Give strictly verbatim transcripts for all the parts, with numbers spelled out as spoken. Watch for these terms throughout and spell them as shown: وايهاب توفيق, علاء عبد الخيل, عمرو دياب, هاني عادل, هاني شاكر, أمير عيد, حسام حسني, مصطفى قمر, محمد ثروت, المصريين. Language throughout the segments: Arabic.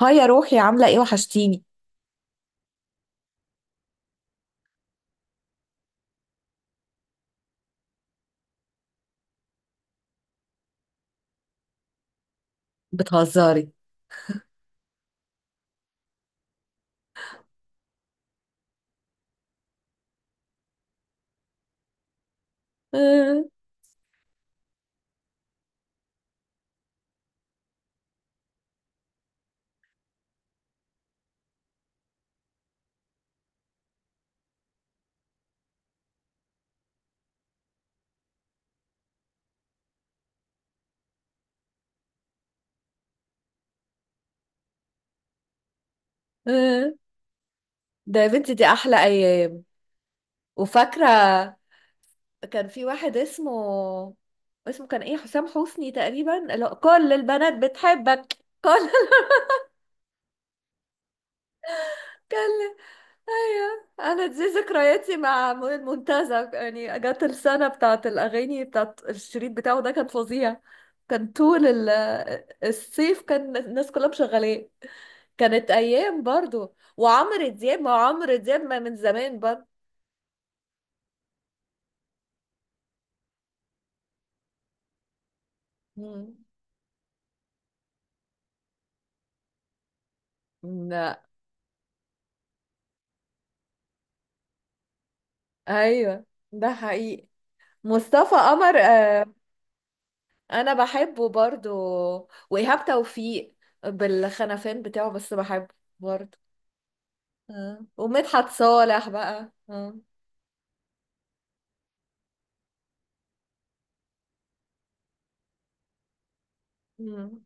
هاي يا روحي، عاملة ايه؟ وحشتيني. بتهزري؟ آه، آه. ده يا بنتي، دي أحلى أيام. وفاكرة، كان في واحد اسمه اسمه كان ايه، حسام حسني تقريبا. لا، كل البنات بتحبك، كل كل ايوه، انا دي ذكرياتي مع م- المنتزه. يعني جت السنه بتاعت الاغاني، بتاعت الشريط بتاعه ده، كان فظيع. كان طول ال- الصيف كان الناس كلها مشغلاه. كانت ايام برضو، وعمرو دياب، ما هو عمرو دياب ما من زمان برضو. مم. لا. ايوه. ده حقيقي. مصطفى قمر، آه. انا بحبه برضو، وايهاب توفيق بالخنفان بتاعه، بس بحبه برضو. آه. ومدحت صالح بقى، آه. مم.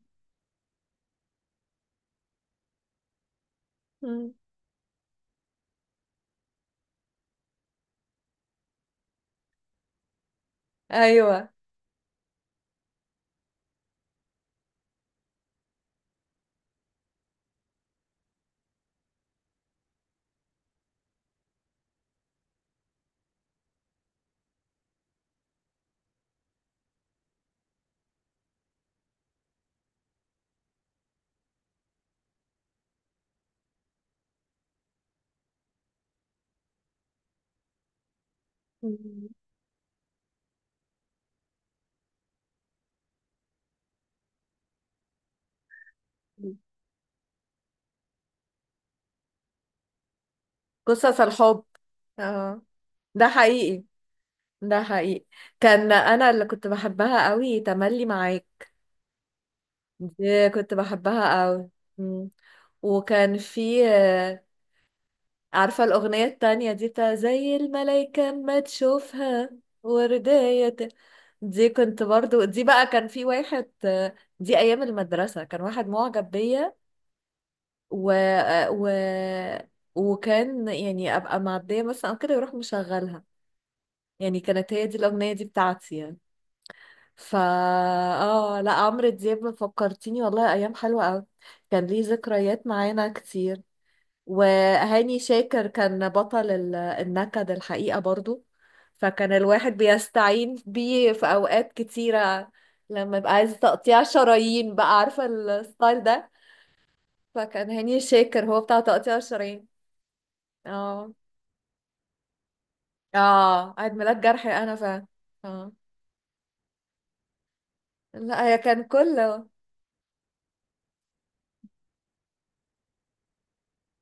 مم. ايوه. مم. قصص الحب. اه. ده حقيقي. ده حقيقي. كان انا اللي كنت بحبها قوي، تملي معاك، دي كنت بحبها قوي. مم. وكان في آه، عارفة الأغنية التانية دي، بتاع زي الملايكة ما تشوفها وردية ت- دي كنت برضو، دي بقى كان في واحد، آه، دي أيام المدرسة كان واحد معجب بيا، و... آه، و... وكان يعني أبقى معدية مثلا أو كده يروح مشغلها. يعني كانت هي دي الأغنية دي بتاعتي يعني. فا اه لا، عمرو دياب فكرتيني والله، ايام حلوه قوي. كان ليه ذكريات معانا كتير. وهاني شاكر كان بطل ال- النكد، الحقيقه، برضو. فكان الواحد بيستعين بيه في اوقات كتيره، لما يبقى عايز تقطيع شرايين بقى، عارفه الستايل ده. فكان هاني شاكر هو بتاع تقطيع الشرايين. اه. اه، عيد ميلاد جرحي، انا فا اه. لا هي كان كله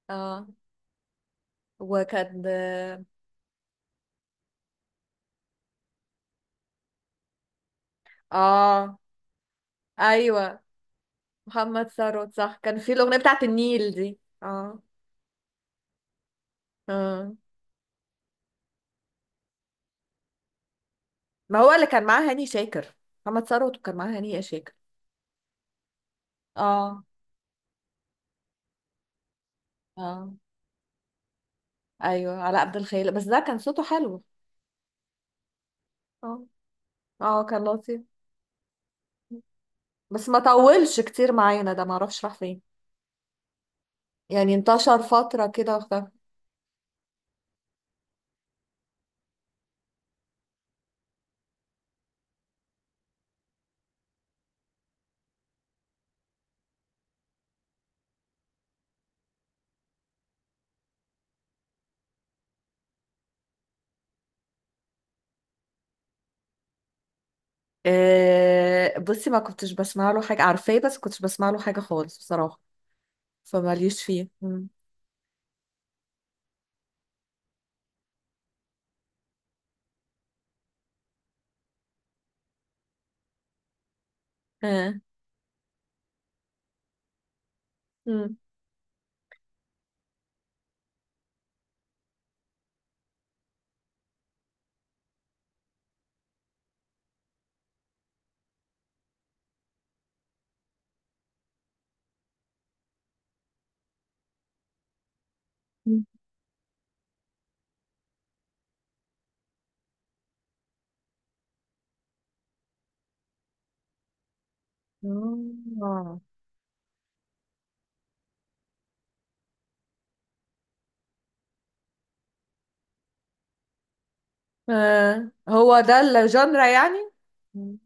اه. وكان اه. ايوه، محمد ثروت صح، كان في الاغنيه بتاعت النيل دي، اه. اه، ما هو اللي كان معاه هاني شاكر. محمد ثروت وكان معاه هاني شاكر. اه. اه ايوه، علاء عبد الخيل، بس ده كان صوته حلو. اه. اه كان لطيف، بس ما طولش كتير معانا، ده ما اعرفش راح فين. يعني انتشر فتره كده واختفى. آه بصي، ما كنتش بسمع له حاجه، عارفاه، بس كنتش بسمع له حاجه خالص بصراحه. فماليش فيه مم. اه. مم. مم. آه. آه. هو ده الجانرا يعني. مم.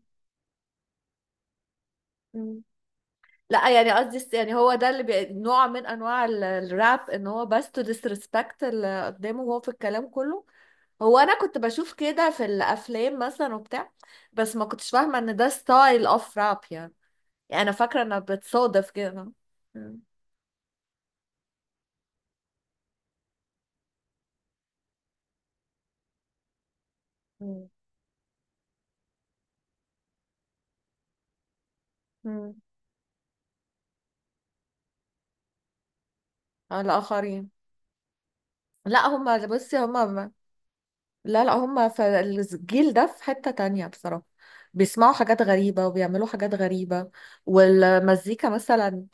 مم. لا يعني قصدي الس- يعني هو ده اللي بي... نوع من انواع ال- الراب، ان هو بس تو disrespect اللي قدامه، وهو في الكلام كله. هو انا كنت بشوف كده في الافلام مثلا وبتاع. بس ما كنتش فاهمه ان ده ستايل اوف راب يعني. يعني انا فاكره انها بتصادف كده. مم. مم. مم. على الاخرين. لا هما، بصي، هما لا لا، هم في الجيل ده في حتة تانية بصراحة. بيسمعوا حاجات غريبة وبيعملوا حاجات غريبة، والمزيكا مثلا،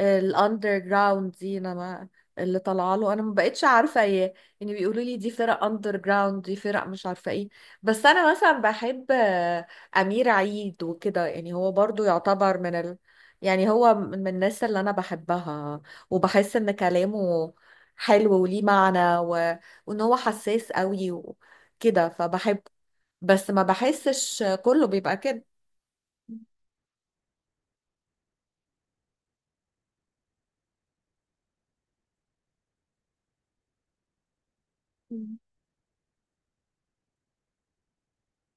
الاندر جراوند دي، انا ما اللي طالعه له انا ما بقتش عارفه ايه. يعني بيقولوا لي دي فرق اندر جراوند، دي فرق مش عارفه ايه. بس انا مثلا بحب آه، امير عيد وكده، يعني هو برضو يعتبر من ال... يعني هو من الناس اللي انا بحبها، وبحس ان كلامه حلو وليه معنى و... وان هو حساس قوي كده، فبحبه. بس ما بحسش كله بيبقى كده. مم.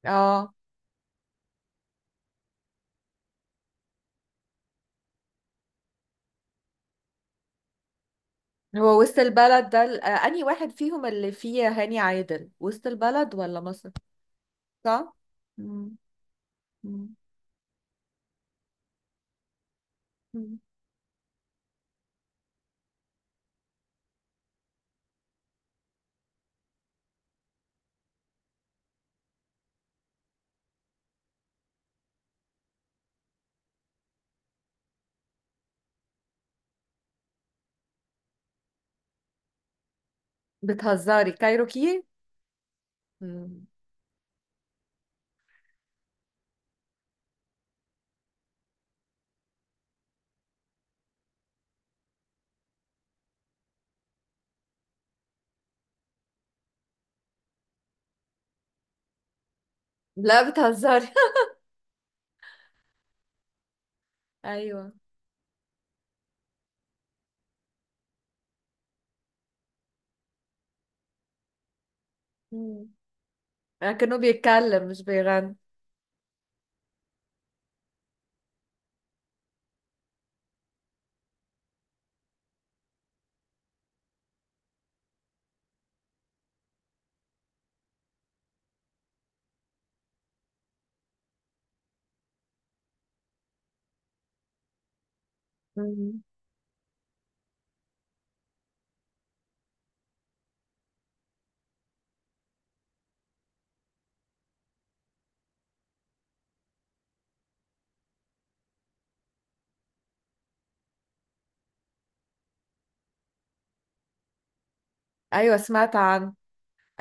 اه. هو وسط البلد ده ال- آه، انهي واحد فيهم اللي فيه هاني عادل، وسط البلد ولا مصر؟ صح. مم. مم. مم. بتهزري؟ كايروكي. مم. لا بتهزري. ايوه. مم. لكنه بيتكلم مش بيغني. مم. ايوه سمعت عنه،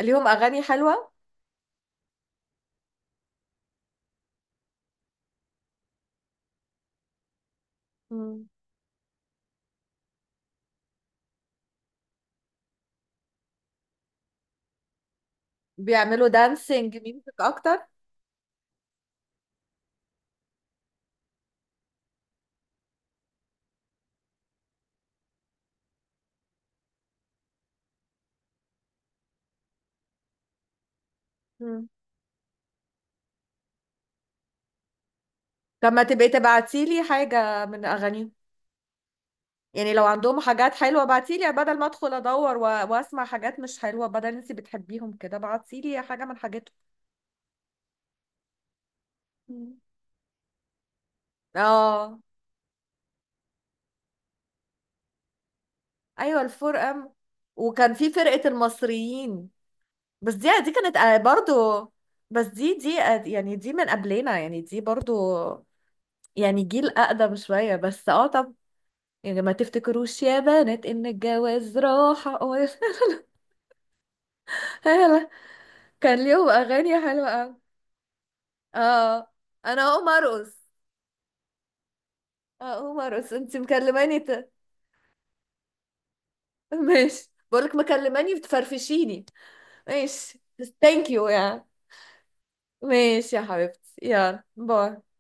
ليهم اغاني حلوه. مم. بيعملوا دانسينج ميوزك اكتر. مم. طب ما تبقي تبعتيلي حاجه من اغانيهم، يعني لو عندهم حاجات حلوة بعتيلي، بدل ما ادخل ادور و... واسمع حاجات مش حلوة، بدل انتي بتحبيهم كده بعتيلي حاجة من حاجاتهم. مم. اه. ايوه الفور ام، وكان في فرقة المصريين، بس دي دي كانت آه، برضو. بس دي دي آه، يعني دي من قبلنا، يعني دي برضو، يعني جيل اقدم شوية. بس اه، طب يعني ما تفتكروش يا بنات ان الجواز راحة. هلا. كان ليهم اغاني حلوة أوي. اه، انا هقوم ارقص. اه عمر، بس انت مكلماني ت... ماشي، بقولك مكلماني بتفرفشيني. ماشي. ثانك يو يعني. ماشي يا حبيبتي، يلا، باي.